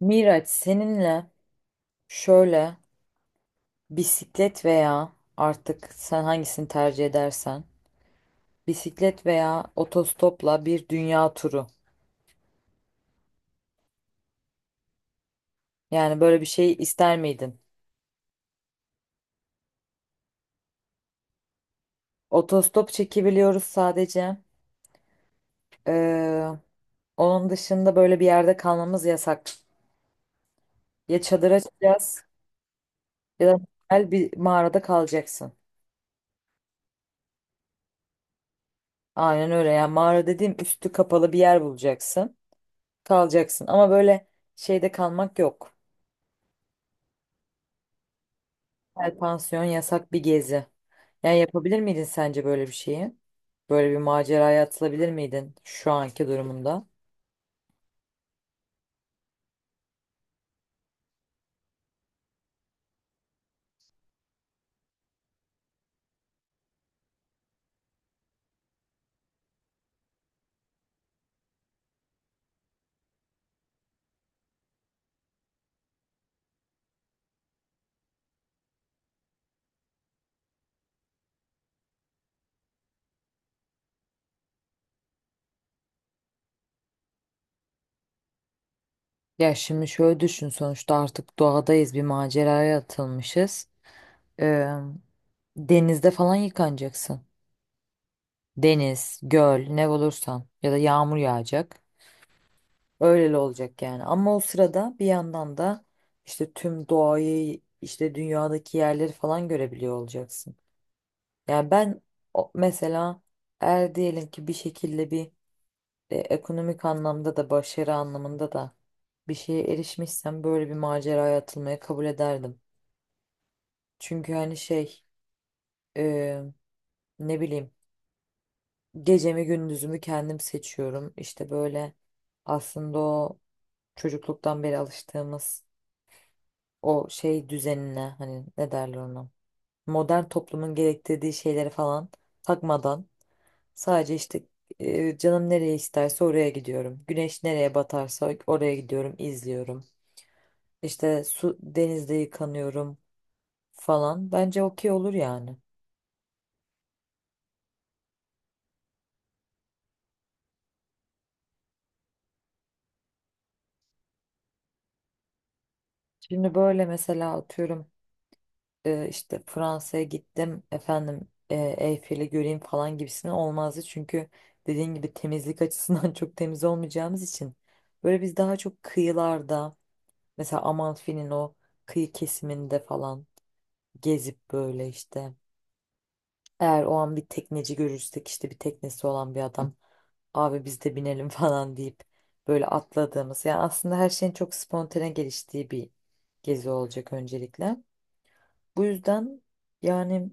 Miraç seninle şöyle bisiklet veya artık sen hangisini tercih edersen bisiklet veya otostopla bir dünya turu. Yani böyle bir şey ister miydin? Otostop çekebiliyoruz sadece. Ee, Onun dışında böyle bir yerde kalmamız yasak. Ya çadır açacağız ya da güzel bir mağarada kalacaksın. Aynen öyle, yani mağara dediğim üstü kapalı bir yer bulacaksın. Kalacaksın ama böyle şeyde kalmak yok. Özel pansiyon yasak bir gezi. Yani yapabilir miydin sence böyle bir şeyi? Böyle bir maceraya atılabilir miydin şu anki durumunda? Ya şimdi şöyle düşün, sonuçta artık doğadayız, bir maceraya atılmışız. Ee, Denizde falan yıkanacaksın. Deniz, göl ne olursan ya da yağmur yağacak. Öyle olacak yani. Ama o sırada bir yandan da işte tüm doğayı, işte dünyadaki yerleri falan görebiliyor olacaksın. Yani ben mesela eğer diyelim ki bir şekilde bir ekonomik anlamda da başarı anlamında da bir şeye erişmişsem böyle bir maceraya atılmayı kabul ederdim. Çünkü hani şey, e, ne bileyim, gecemi gündüzümü kendim seçiyorum. İşte böyle aslında o çocukluktan beri alıştığımız o şey düzenine, hani ne derler ona, modern toplumun gerektirdiği şeyleri falan takmadan, sadece işte canım nereye isterse oraya gidiyorum. Güneş nereye batarsa oraya gidiyorum, izliyorum. İşte su, denizde yıkanıyorum falan. Bence okey olur yani. Şimdi böyle mesela atıyorum, işte Fransa'ya gittim efendim, Eyfel'i göreyim falan gibisine olmazdı. Çünkü dediğin gibi temizlik açısından çok temiz olmayacağımız için böyle biz daha çok kıyılarda, mesela Amalfi'nin o kıyı kesiminde falan gezip böyle işte. Eğer o an bir tekneci görürsek, işte bir teknesi olan bir adam, abi biz de binelim falan deyip böyle atladığımız, yani aslında her şeyin çok spontane geliştiği bir gezi olacak öncelikle. Bu yüzden yani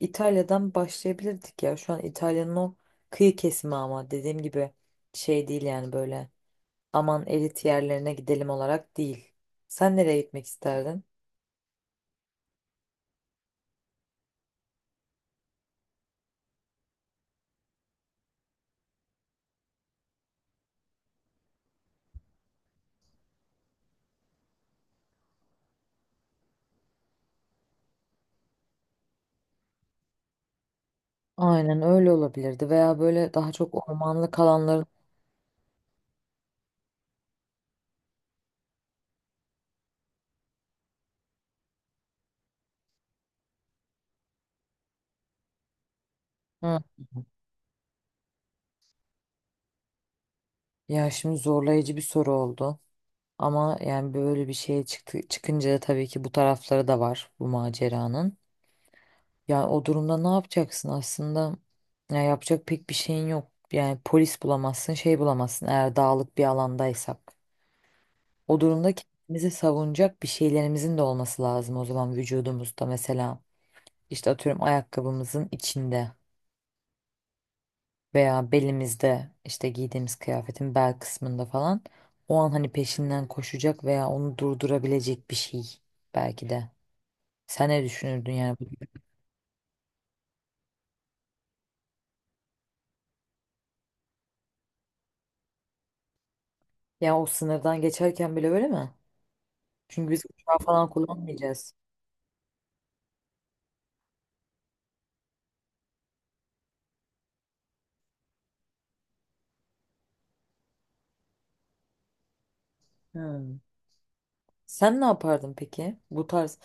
İtalya'dan başlayabilirdik ya, şu an İtalya'nın o kıyı kesimi, ama dediğim gibi şey değil yani, böyle aman elit yerlerine gidelim olarak değil. Sen nereye gitmek isterdin? Aynen öyle olabilirdi veya böyle daha çok ormanlık alanların. Hı. Ya şimdi zorlayıcı bir soru oldu. Ama yani böyle bir şeye çıktı, çıkınca da tabii ki bu tarafları da var bu maceranın. Yani o durumda ne yapacaksın aslında? Ya yapacak pek bir şeyin yok. Yani polis bulamazsın, şey bulamazsın, eğer dağlık bir alandaysak. O durumda kendimizi savunacak bir şeylerimizin de olması lazım o zaman, vücudumuzda mesela. İşte atıyorum ayakkabımızın içinde veya belimizde, işte giydiğimiz kıyafetin bel kısmında falan, o an hani peşinden koşacak veya onu durdurabilecek bir şey belki de. Sen ne düşünürdün yani? Ya o sınırdan geçerken bile öyle mi? Çünkü biz uçağı falan kullanmayacağız. Hmm. Sen ne yapardın peki? Bu tarz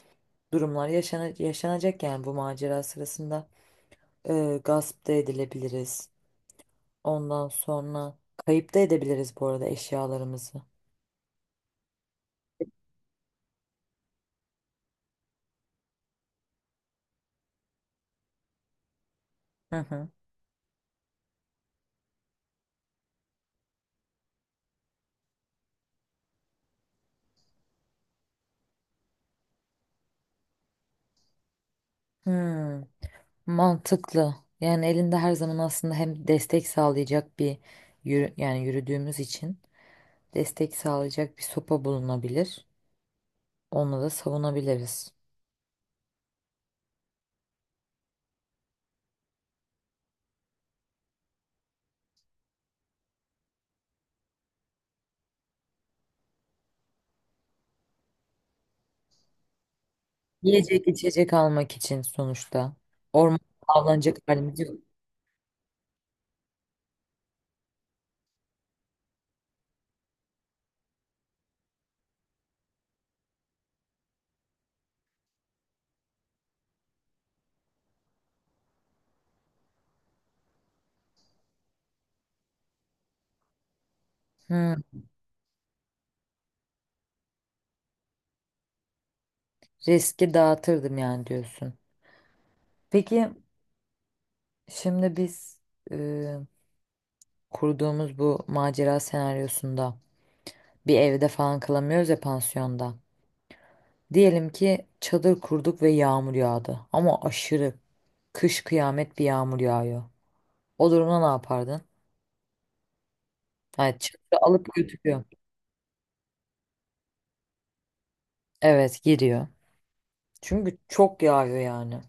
durumlar yaşanacak yani bu macera sırasında. Gasp da edilebiliriz. Ondan sonra kayıp da edebiliriz bu arada eşyalarımızı. Hı hı. Hmm. Mantıklı. Yani elinde her zaman aslında hem destek sağlayacak bir yani yürüdüğümüz için destek sağlayacak bir sopa bulunabilir. Onunla da savunabiliriz. Yiyecek içecek almak için sonuçta. Orman, avlanacak halimiz yok. Hmm, riski dağıtırdım yani diyorsun. Peki şimdi biz e, kurduğumuz bu macera senaryosunda bir evde falan kalamıyoruz ya, pansiyonda. Diyelim ki çadır kurduk ve yağmur yağdı. Ama aşırı kış kıyamet bir yağmur yağıyor. O durumda ne yapardın? Yani çadırı alıp götürüyor. Evet, giriyor. Çünkü çok yağıyor yani.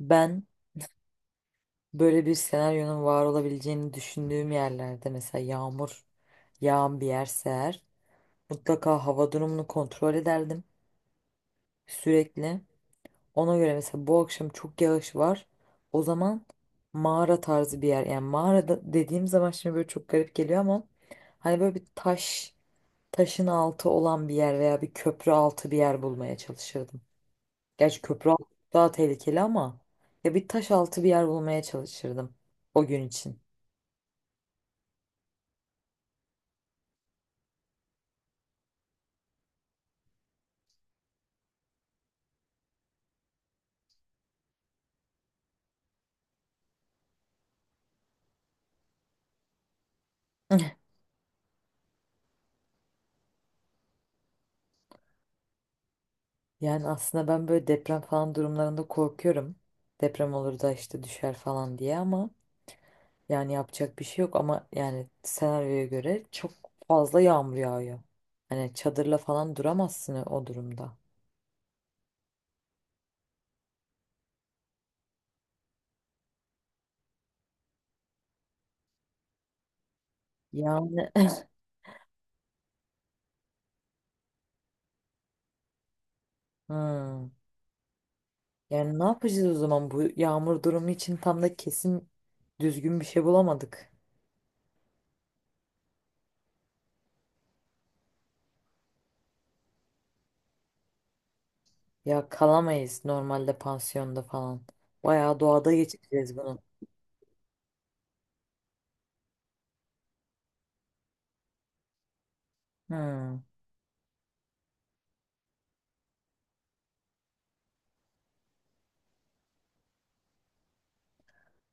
Ben böyle bir senaryonun var olabileceğini düşündüğüm yerlerde, mesela yağmur yağan bir yerse eğer, mutlaka hava durumunu kontrol ederdim sürekli. Ona göre mesela bu akşam çok yağış var. O zaman mağara tarzı bir yer. Yani mağarada dediğim zaman şimdi böyle çok garip geliyor ama hani böyle bir taşın altı olan bir yer veya bir köprü altı bir yer bulmaya çalışırdım. Gerçi köprü altı daha tehlikeli ama ya bir taş altı bir yer bulmaya çalışırdım o gün için. Yani aslında ben böyle deprem falan durumlarında korkuyorum. Deprem olur da işte düşer falan diye ama yani yapacak bir şey yok, ama yani senaryoya göre çok fazla yağmur yağıyor. Hani çadırla falan duramazsın o durumda. Yani hmm. Yani ne yapacağız o zaman, bu yağmur durumu için tam da kesin düzgün bir şey bulamadık. Ya kalamayız normalde pansiyonda falan. Bayağı doğada geçireceğiz bunu. Hmm.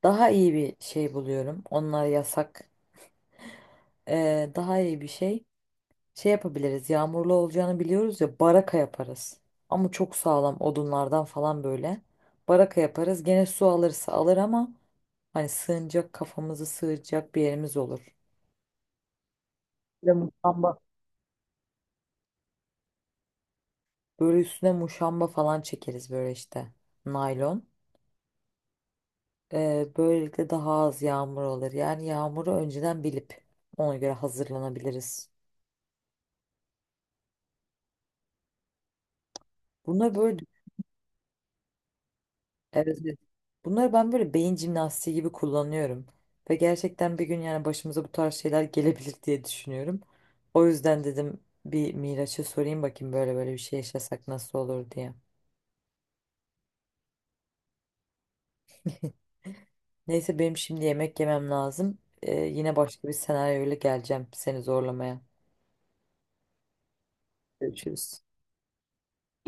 Daha iyi bir şey buluyorum. Onlar yasak. Daha iyi bir şey. Şey yapabiliriz. Yağmurlu olacağını biliyoruz ya, baraka yaparız. Ama çok sağlam odunlardan falan böyle. Baraka yaparız. Gene su alırsa alır ama hani sığınacak, kafamızı sığacak bir yerimiz olur. Bir muşamba. Böyle üstüne muşamba falan çekeriz böyle işte. Naylon. Böylelikle daha az yağmur olur. Yani yağmuru önceden bilip ona göre hazırlanabiliriz. Bunları böyle evet, evet. Bunları ben böyle beyin jimnastiği gibi kullanıyorum. Ve gerçekten bir gün yani başımıza bu tarz şeyler gelebilir diye düşünüyorum. O yüzden dedim bir Miraç'a sorayım bakayım, böyle böyle bir şey yaşasak nasıl olur diye. Neyse benim şimdi yemek yemem lazım. Yine başka bir senaryoyla geleceğim seni zorlamaya. Görüşürüz.